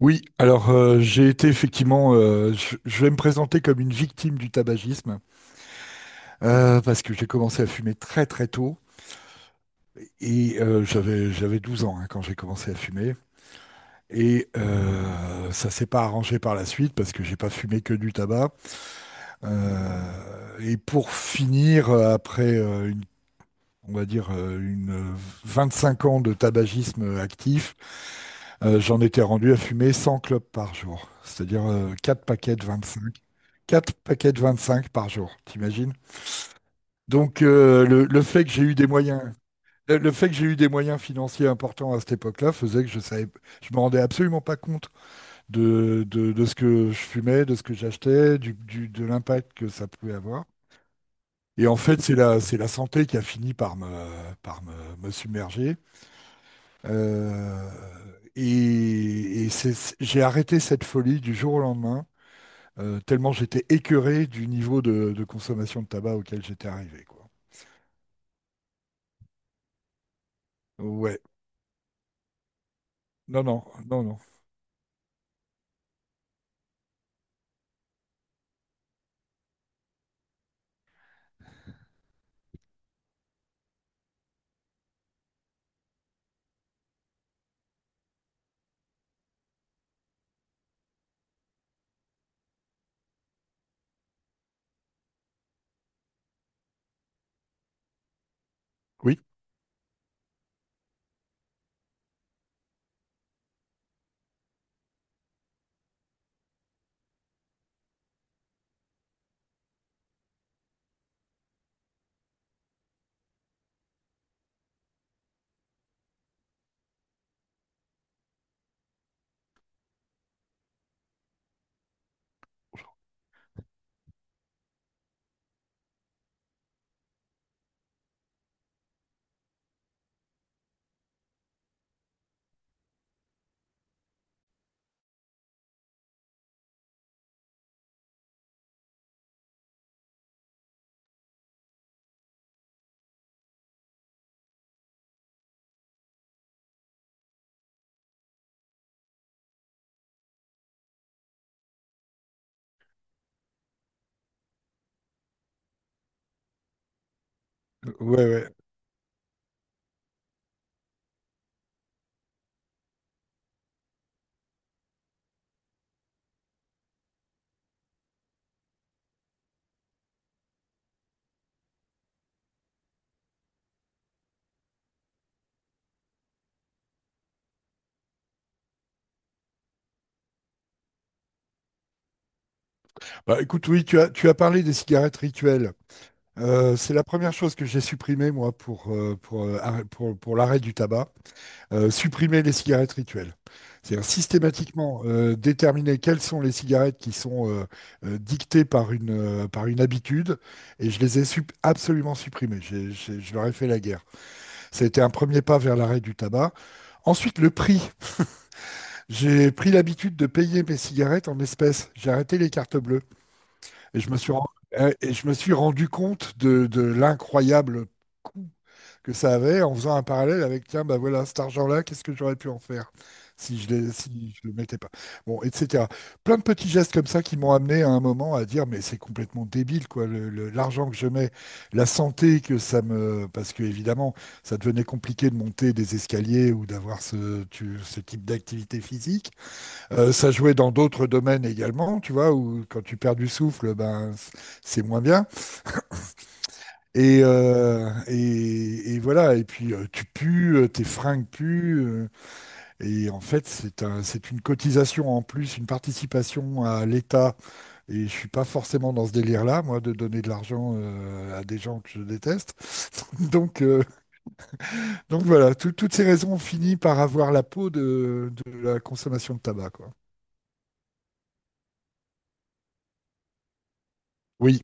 Oui, alors j'ai été effectivement, je vais me présenter comme une victime du tabagisme parce que j'ai commencé à fumer très très tôt et j'avais 12 ans, hein, quand j'ai commencé à fumer, et ça s'est pas arrangé par la suite parce que j'ai pas fumé que du tabac. Et pour finir, après une on va dire, une 25 ans de tabagisme actif, j'en étais rendu à fumer 100 clopes par jour, c'est-à-dire 4 paquets de 25. Quatre paquets de 25 par jour, t'imagines? Donc le fait que j'ai eu des moyens, le fait que j'ai eu des moyens financiers importants à cette époque-là faisait que je savais, je me rendais absolument pas compte de ce que je fumais, de ce que j'achetais, de l'impact que ça pouvait avoir. Et en fait, c'est la santé qui a fini par me submerger. Euh, et et c'est- j'ai arrêté cette folie du jour au lendemain, tellement j'étais écœuré du niveau de consommation de tabac auquel j'étais arrivé, quoi. Ouais, non, non, non, non. Oui, ouais, ouais. Bah, écoute, oui, tu as parlé des cigarettes rituelles. C'est la première chose que j'ai supprimée, moi, pour l'arrêt du tabac. Supprimer les cigarettes rituelles. C'est-à-dire systématiquement déterminer quelles sont les cigarettes qui sont dictées par par une habitude, et je les ai absolument supprimées. Je leur ai fait la guerre. Ça a été un premier pas vers l'arrêt du tabac. Ensuite, le prix. J'ai pris l'habitude de payer mes cigarettes en espèces. J'ai arrêté les cartes bleues. Et je me suis, ren- et je me suis rendu compte de l'incroyable coût que ça avait, en faisant un parallèle avec, tiens, bah voilà, cet argent-là, qu'est-ce que j'aurais pu en faire si je le mettais pas. Bon, etc. Plein de petits gestes comme ça qui m'ont amené à un moment à dire, mais c'est complètement débile, quoi, l'argent que je mets, la santé que ça me... Parce que, évidemment, ça devenait compliqué de monter des escaliers ou d'avoir ce type d'activité physique. Ça jouait dans d'autres domaines également, tu vois, où quand tu perds du souffle, ben, c'est moins bien. Et voilà, et puis tu pues, tes fringues puent, et en fait c'est une cotisation en plus, une participation à l'État, et je suis pas forcément dans ce délire-là, moi, de donner de l'argent à des gens que je déteste. Donc, euh, donc voilà, toutes ces raisons ont fini par avoir la peau de la consommation de tabac, quoi. Oui,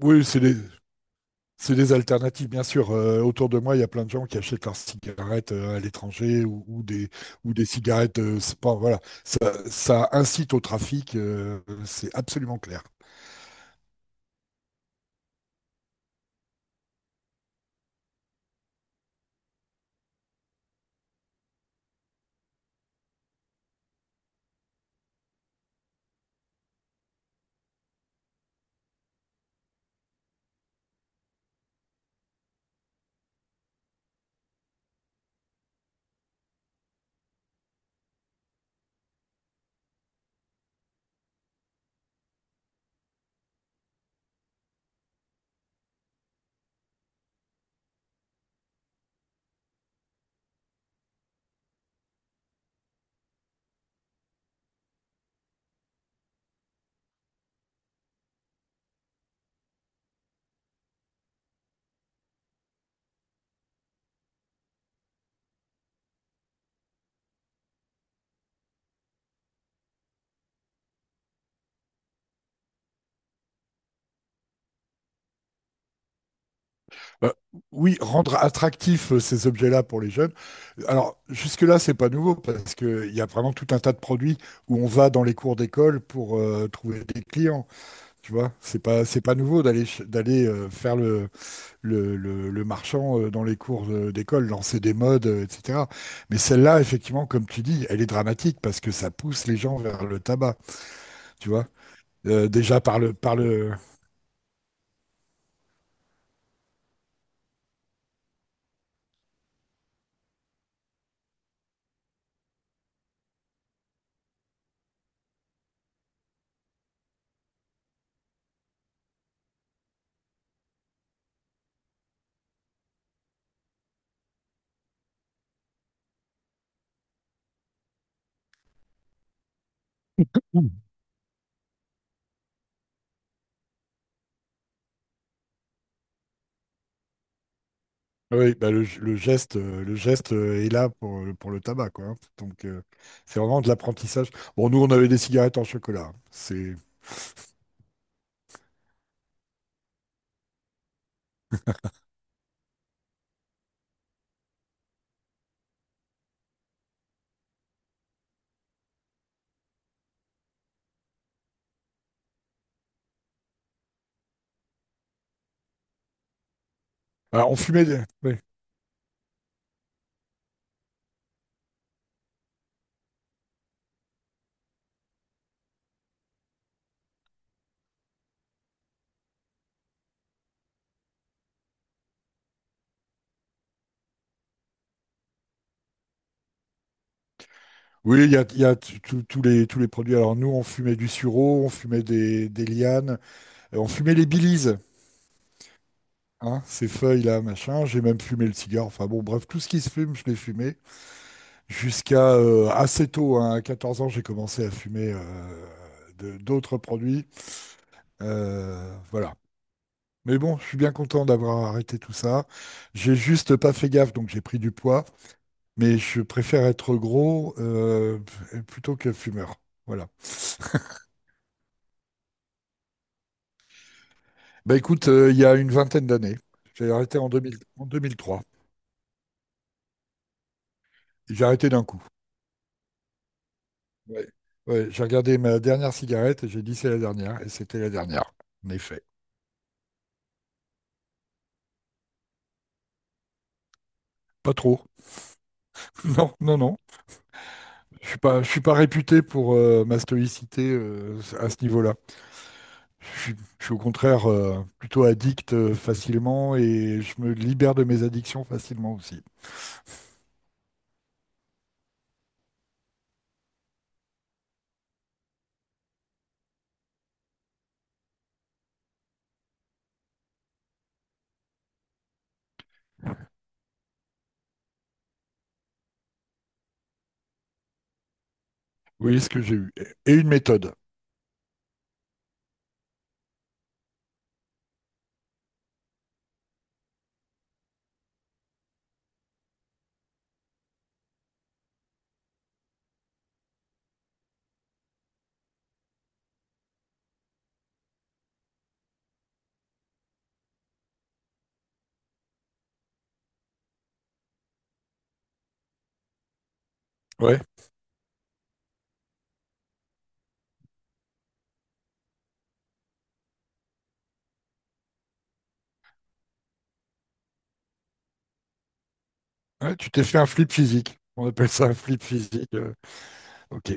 oui, c'est des... C'est des alternatives, bien sûr. Autour de moi, il y a plein de gens qui achètent leurs cigarettes à l'étranger ou des cigarettes. C'est pas- voilà. Ça incite au trafic, c'est absolument clair. Euh, oui, rendre attractifs ces objets-là pour les jeunes. Alors, jusque-là, c'est pas nouveau parce qu'il y a vraiment tout un tas de produits où on va dans les cours d'école pour trouver des clients. Tu vois, c'est pas nouveau d'aller faire le marchand dans les cours d'école, lancer des modes, etc. Mais celle-là, effectivement, comme tu dis, elle est dramatique parce que ça pousse les gens vers le tabac, tu vois. Déjà par le, Mm. Oui, bah, le geste est là pour, pour le tabac, quoi, hein. Donc, c'est vraiment de l'apprentissage. Bon, nous, on avait des cigarettes en chocolat, hein. C'est, Oui, oui, il y a, tous tous les produits. Alors nous, on fumait du sureau, on fumait des lianes, on fumait les bilises. Hein, ces feuilles-là, machin. J'ai même fumé le cigare. Enfin bon, bref, tout ce qui se fume, je l'ai fumé. Jusqu'à assez tôt, hein, à 14 ans, j'ai commencé à fumer d'autres produits. Voilà. Mais bon, je suis bien content d'avoir arrêté tout ça. J'ai juste pas fait gaffe, donc j'ai pris du poids. Mais je préfère être gros plutôt que fumeur. Voilà. Bah écoute, il y a une vingtaine d'années, j'ai arrêté en 2000 en 2003. J'ai arrêté d'un coup. Ouais. Ouais, j'ai regardé ma dernière cigarette et j'ai dit c'est la dernière, et c'était la dernière, en effet. Pas trop. Non, non, non. Je suis pas réputé pour ma stoïcité à ce niveau-là. Je suis au contraire plutôt addict facilement et je me libère de mes addictions facilement aussi. Oui, ce que j'ai eu. Et une méthode. Ouais. Ouais, tu t'es fait un flip physique. On appelle ça un flip physique. Ok.